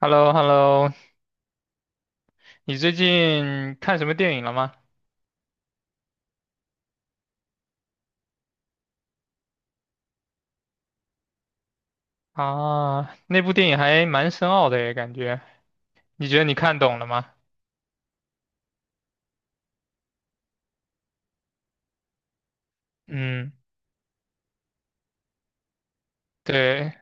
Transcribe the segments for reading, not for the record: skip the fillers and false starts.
h e l l o h e l l o 你最近看什么电影了吗？啊，那部电影还蛮深奥的耶，感觉。你觉得你看懂了吗？嗯，对，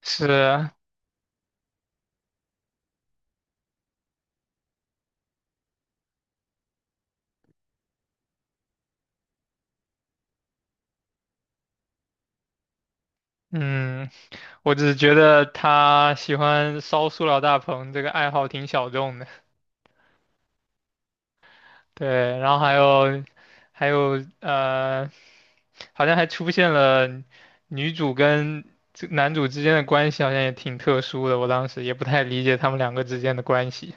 是，嗯，我只是觉得他喜欢烧塑料大棚这个爱好挺小众的。对，然后还有，还有，好像还出现了女主跟这男主之间的关系，好像也挺特殊的。我当时也不太理解他们两个之间的关系。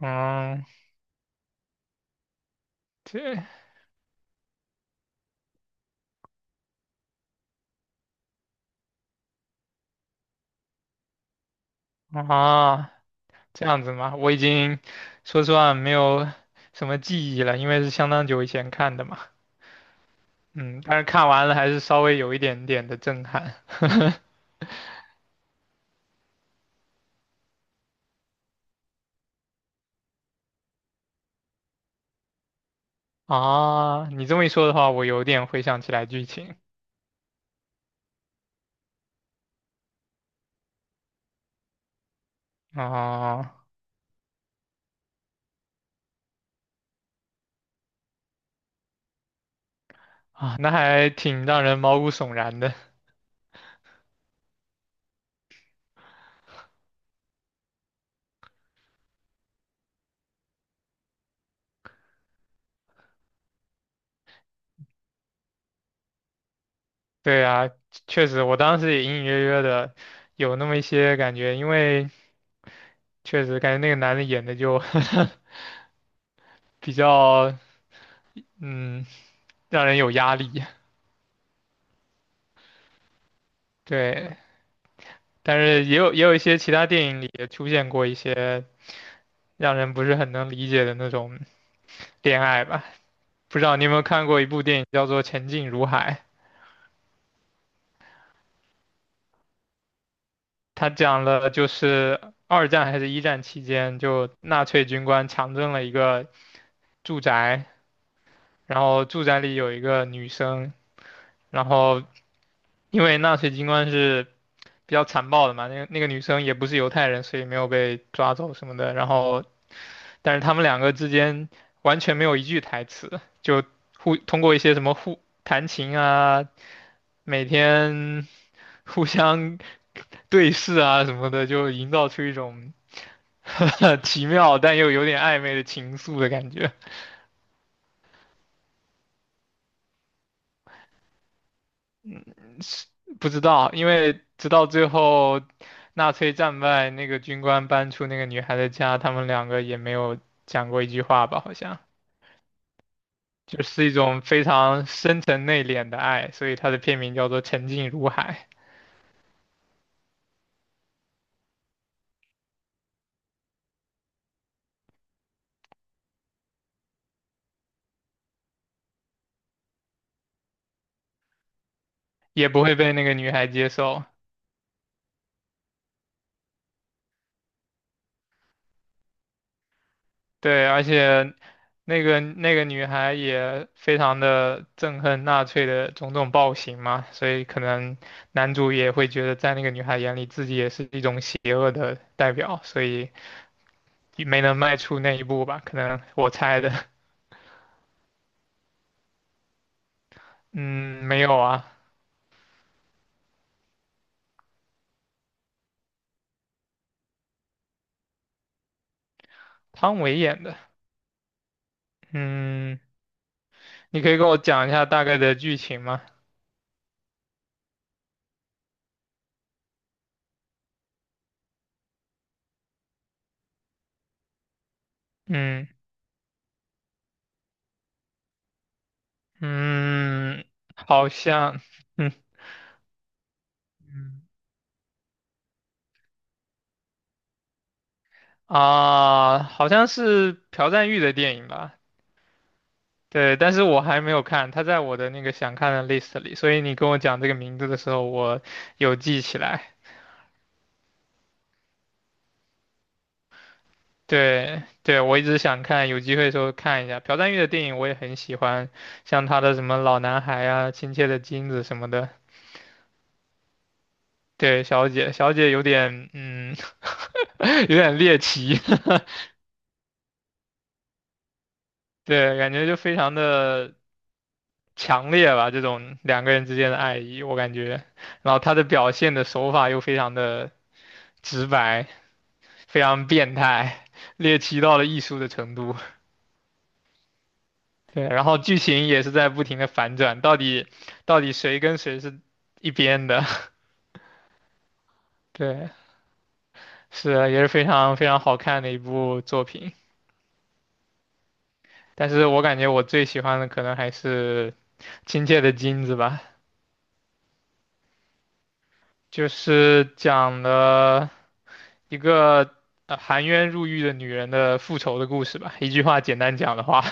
嗯。这啊，这样子吗？我已经说实话没有什么记忆了，因为是相当久以前看的嘛。嗯，但是看完了还是稍微有一点点的震撼。啊，你这么一说的话，我有点回想起来剧情。啊啊，那还挺让人毛骨悚然的。对啊，确实，我当时也隐隐约约的有那么一些感觉，因为确实感觉那个男的演的就 比较，嗯，让人有压力。对，但是也有一些其他电影里也出现过一些让人不是很能理解的那种恋爱吧。不知道你有没有看过一部电影叫做《前进如海》，它讲了就是二战还是一战期间，就纳粹军官强征了一个住宅，然后住宅里有一个女生，然后因为纳粹军官是比较残暴的嘛，那个女生也不是犹太人，所以没有被抓走什么的，然后但是他们两个之间完全没有一句台词，就互通过一些什么互弹琴啊，每天互相对视啊什么的，就营造出一种 呵呵奇妙但又有点暧昧的情愫的感觉。不知道，因为直到最后纳粹战败，那个军官搬出那个女孩的家，他们两个也没有讲过一句话吧？好像就是一种非常深沉内敛的爱，所以它的片名叫做《沉静如海》。也不会被那个女孩接受。对，而且那个女孩也非常的憎恨纳粹的种种暴行嘛，所以可能男主也会觉得在那个女孩眼里自己也是一种邪恶的代表，所以没能迈出那一步吧，可能我猜的。嗯，没有啊，汤唯演的。嗯，你可以跟我讲一下大概的剧情吗？嗯嗯，好像，嗯。啊，好像是朴赞郁的电影吧？对，但是我还没有看，他在我的那个想看的 list 里，所以你跟我讲这个名字的时候，我有记起来。对，对，我一直想看，有机会的时候看一下。朴赞郁的电影我也很喜欢，像他的什么《老男孩》啊，《亲切的金子》什么的。对，小姐，小姐有点，嗯，有点猎奇，对，感觉就非常的强烈吧，这种两个人之间的爱意，我感觉。然后他的表现的手法又非常的直白，非常变态，猎奇到了艺术的程度。对，然后剧情也是在不停的反转，到底谁跟谁是一边的？对，是啊也是非常非常好看的一部作品。但是我感觉我最喜欢的可能还是《亲切的金子》吧，就是讲了。一个含冤入狱的女人的复仇的故事吧。一句话简单讲的话，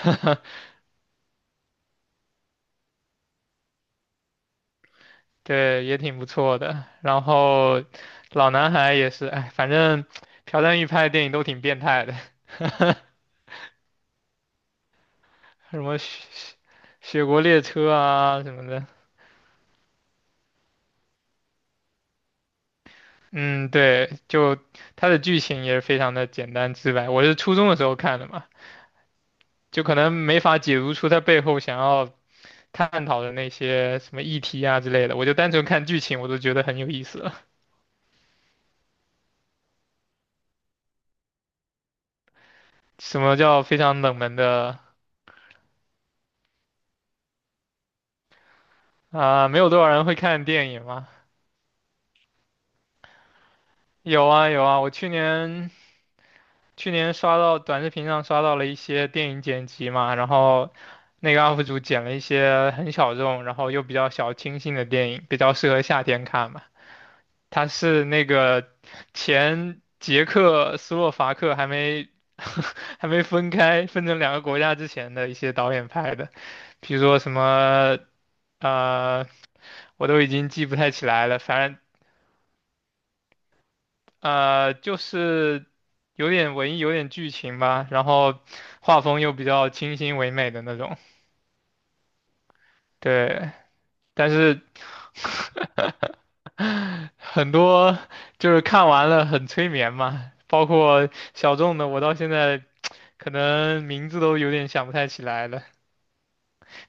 对，也挺不错的。然后老男孩也是，哎，反正朴赞郁拍的电影都挺变态的，什么雪国列车啊什么的。嗯，对，就他的剧情也是非常的简单直白。我是初中的时候看的嘛，就可能没法解读出他背后想要探讨的那些什么议题啊之类的。我就单纯看剧情，我都觉得很有意思。什么叫非常冷门的啊？没有多少人会看电影吗？有啊有啊，我去年刷到短视频上刷到了一些电影剪辑嘛，然后那个 UP 主剪了一些很小众，然后又比较小清新的电影，比较适合夏天看嘛。他是那个前捷克斯洛伐克还没 还没分开分成两个国家之前的一些导演拍的，比如说什么呃。我都已经记不太起来了，反正。就是有点文艺，有点剧情吧，然后画风又比较清新唯美的那种。对，但是很多就是看完了很催眠嘛，包括小众的，我到现在可能名字都有点想不太起来了，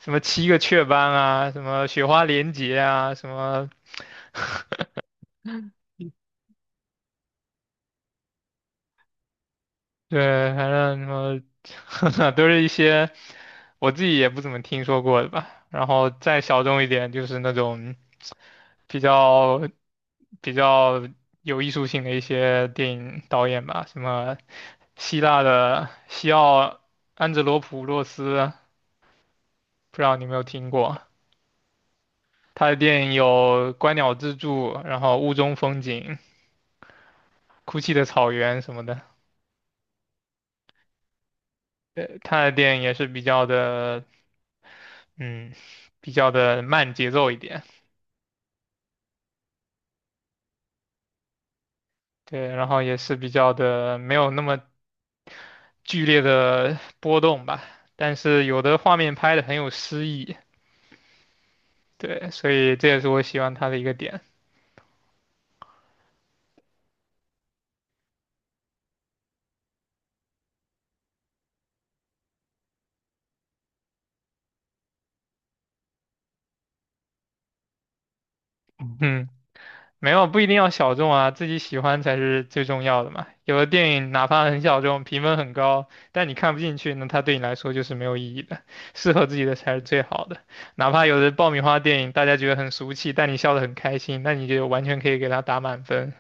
什么七个雀斑啊，什么雪花连结啊，什么对，反正什么 都是一些我自己也不怎么听说过的吧。然后再小众一点，就是那种比较比较有艺术性的一些电影导演吧，什么希腊的西奥安哲罗普洛斯，不知道你有没有听过？他的电影有《观鸟之助》，然后《雾中风景》、《哭泣的草原》什么的。他的电影也是比较的，嗯，比较的慢节奏一点。对，然后也是比较的没有那么剧烈的波动吧，但是有的画面拍的很有诗意，对，所以这也是我喜欢它的一个点。嗯，没有，不一定要小众啊，自己喜欢才是最重要的嘛。有的电影哪怕很小众，评分很高，但你看不进去，那它对你来说就是没有意义的。适合自己的才是最好的。哪怕有的爆米花电影，大家觉得很俗气，但你笑得很开心，那你就完全可以给它打满分。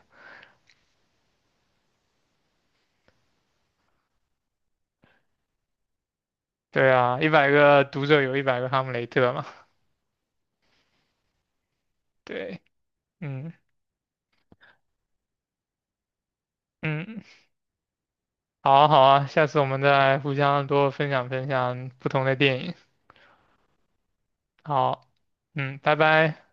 对啊，100个读者有100个哈姆雷特嘛。对，嗯嗯，好啊好啊，下次我们再互相多分享分享不同的电影。好，嗯，拜拜。